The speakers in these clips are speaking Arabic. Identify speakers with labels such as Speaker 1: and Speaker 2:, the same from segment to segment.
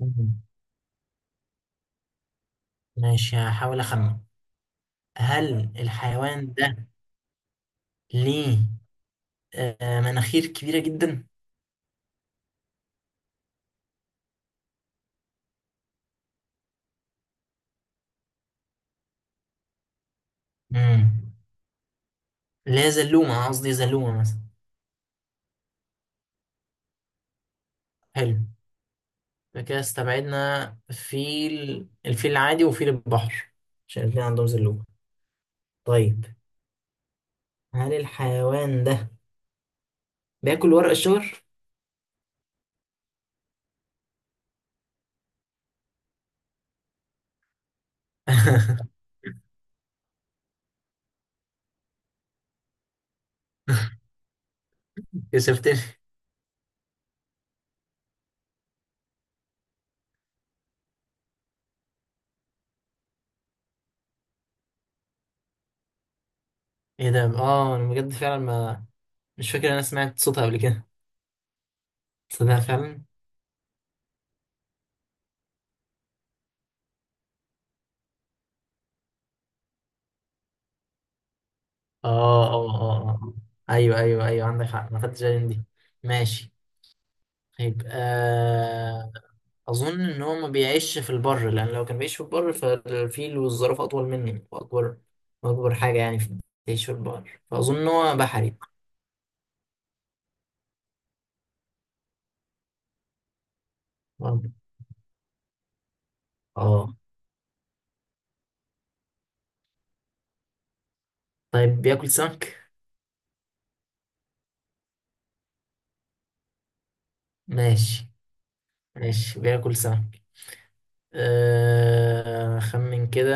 Speaker 1: مم. ماشي هحاول أخمن هل الحيوان ده ليه مناخير كبيرة جدا؟ مم. اللي هي زلومة قصدي زلومة مثلا. حلو. فكده استبعدنا فيل، الفيل العادي وفيل البحر، عشان الاتنين عندهم زلومة. طيب، هل الحيوان ده بياكل ورق الشجر؟ كسفتني. ايه ده؟ اه انا بجد فعلا ما مش فاكر إن انا سمعت صوتها قبل كده. تصدق فعلا. اه اه آه. ايوه ايوه ايوه، عندك حق ما خدتش بالي من دي. ماشي. طيب آه، اظن ان هو ما بيعيش في البر، لان لو كان بيعيش في البر فالفيل والزرافه اطول مني واكبر، واكبر حاجه يعني في بيعيش في البر، فاظن ان هو بحري. اه آه. طيب بياكل سمك. ماشي ماشي، بياكل سمك. آه خمن كده،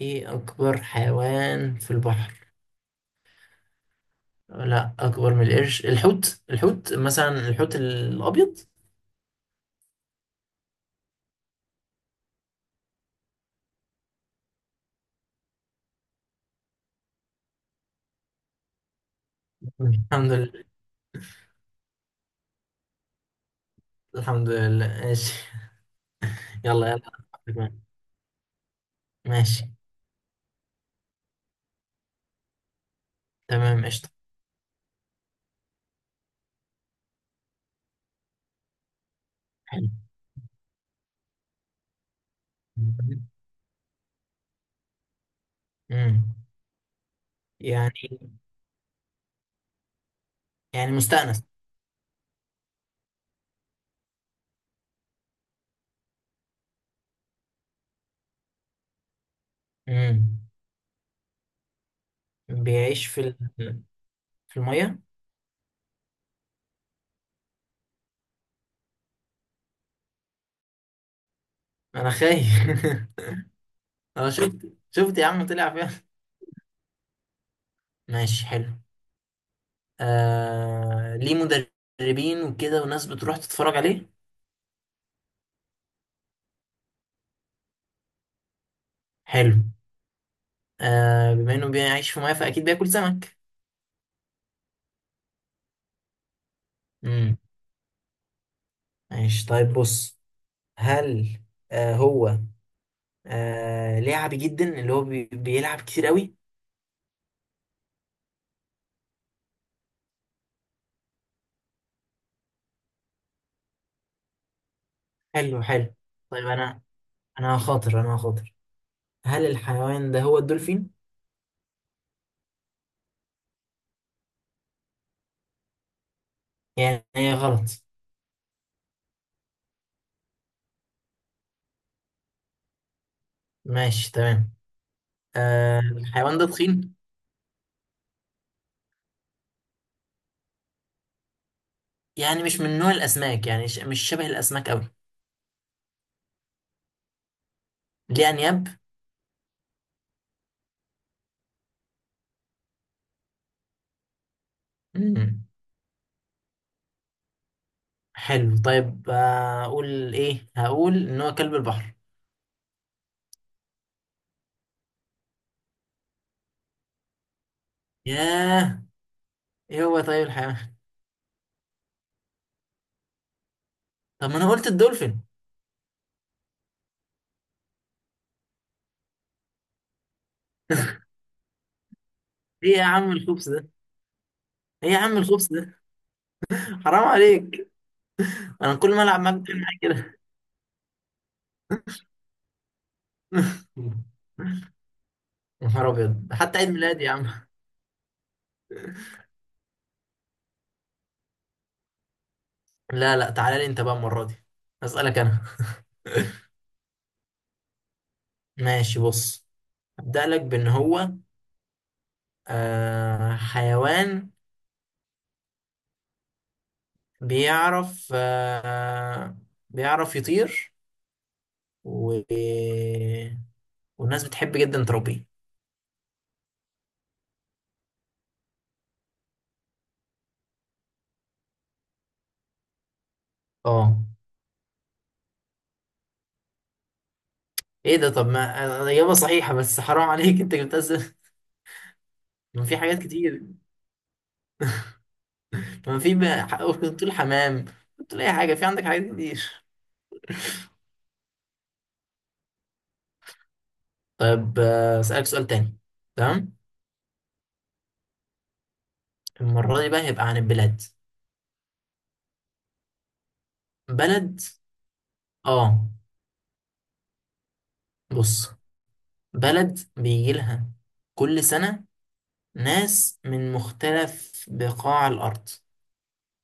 Speaker 1: ايه اكبر حيوان في البحر. لا، اكبر من القرش، الحوت مثلا، الحوت الابيض. الحمد لله. الحمد لله، ماشي. يلا يلا. ماشي تمام، قشطة. حلو. امم. يعني، يعني مستأنس. امم. بيعيش في في المية. انا خايف. انا شفت يا عم، طلع فيها. ماشي حلو. آه، ليه مدربين وكده، وناس بتروح تتفرج عليه. حلو. آه، بما انه بيعيش في مية فاكيد بياكل سمك. مم. ماشي طيب، بص، هل آه هو آه لعبي جدا، اللي هو بيلعب كتير قوي. حلو حلو. طيب انا، انا هخاطر، هل الحيوان ده هو الدولفين؟ يعني هي غلط. ماشي تمام. آه، الحيوان ده تخين، يعني مش من نوع الاسماك، يعني مش شبه الاسماك قوي. ليه انياب. مم. حلو طيب، اقول ايه، هقول ان هو كلب البحر. ياه. ايه هو طيب الحيوان؟ طب ما انا قلت الدولفين. ايه يا عم الخبز ده، ايه يا عم الخبز ده، حرام عليك. انا كل ما العب معاك بتعمل معايا كده. يا نهار ابيض، حتى عيد ميلادي يا عم. لا لا، تعالى لي انت بقى المره دي، اسالك انا. ماشي بص، ابدا لك بان هو آه حيوان بيعرف بيعرف يطير، و... والناس بتحب جدا تربيه. اه. ايه ده، طب ما آه، اجابه صحيحه، بس حرام عليك، انت جبتها ازاي؟ ما في حاجات كتير، ما في بقى ممكن تقول حمام، تقول أي حاجة، في عندك حاجات كتير. طيب آه، أسألك سؤال تاني. تمام. المرة دي بقى هيبقى عن البلاد، بلد. آه. بص، بلد بيجي لها كل سنة ناس من مختلف بقاع الأرض،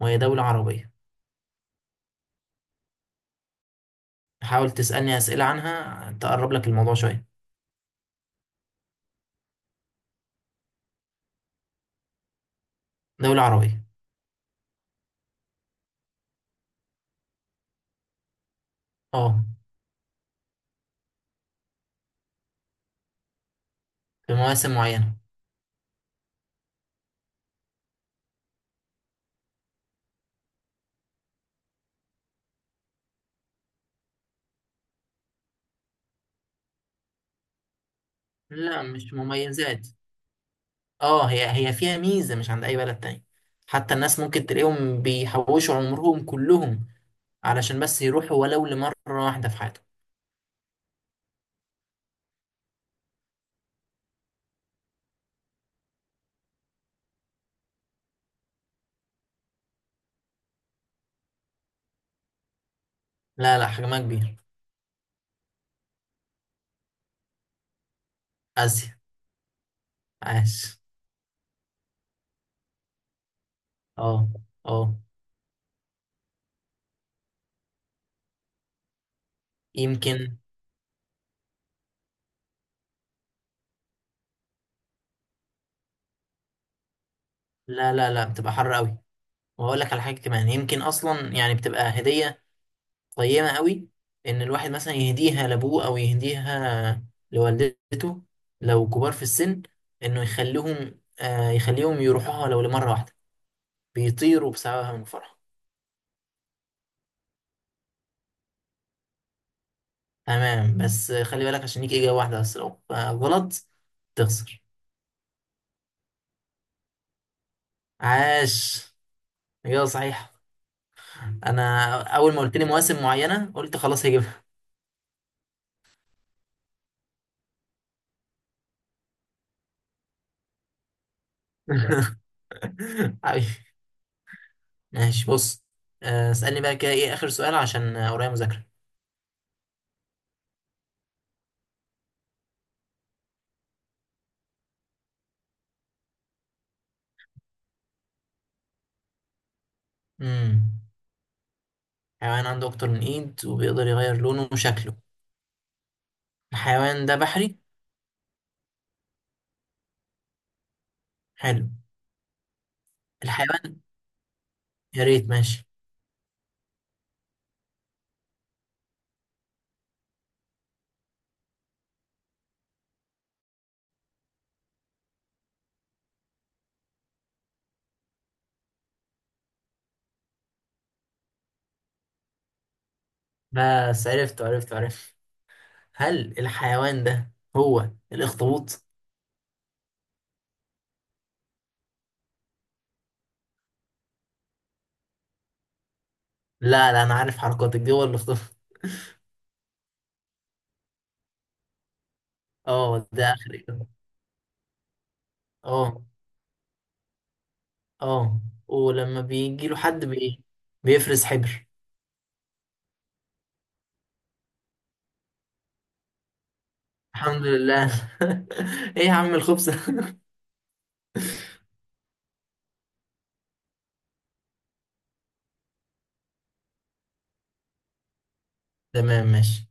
Speaker 1: وهي دولة عربية. حاول تسألني أسئلة عنها تقرب لك الموضوع شوية. دولة عربية. آه. في مواسم معينة. لا مش مميزات، اه، هي فيها ميزة مش عند أي بلد تاني. حتى الناس ممكن تلاقيهم بيحوشوا عمرهم كلهم علشان بس يروحوا ولو لمرة واحدة في حياتهم. لا لا، حجمها كبير. آسيا. عاش. اه. اه. يمكن. لا لا لا، بتبقى حر قوي. وهقول لك على حاجة كمان، يمكن أصلا يعني بتبقى هدية قيمة قوي، إن الواحد مثلا يهديها لأبوه أو يهديها لوالدته، لو كبار في السن، إنه يخليهم يخليهم يروحوها لو لمرة واحدة، بيطيروا بسببها من الفرحة. تمام، بس خلي بالك عشان ليك إجابة واحدة بس، لو غلط تخسر. عاش، إجابة صحيحة. أنا أول ما قلت لي مواسم معينة قلت خلاص هجيبها. حبيبي. ماشي بص، آه، اسألني بقى كده إيه آخر سؤال، عشان آه، ورايا مذاكرة. امم، حيوان عنده أكتر من إيد وبيقدر يغير لونه وشكله. الحيوان ده بحري. حلو. الحيوان، يا ريت ماشي. بس عرفت عرفت عرفت، هل الحيوان ده هو الأخطبوط؟ لا لا، انا عارف حركاتك دي، هو اللي اختار. اه، ده اخر إجابة. اه. اه. ولما بيجي له حد بايه، بيفرز حبر. الحمد لله. ايه يا عم الخبز. تمام ماشي.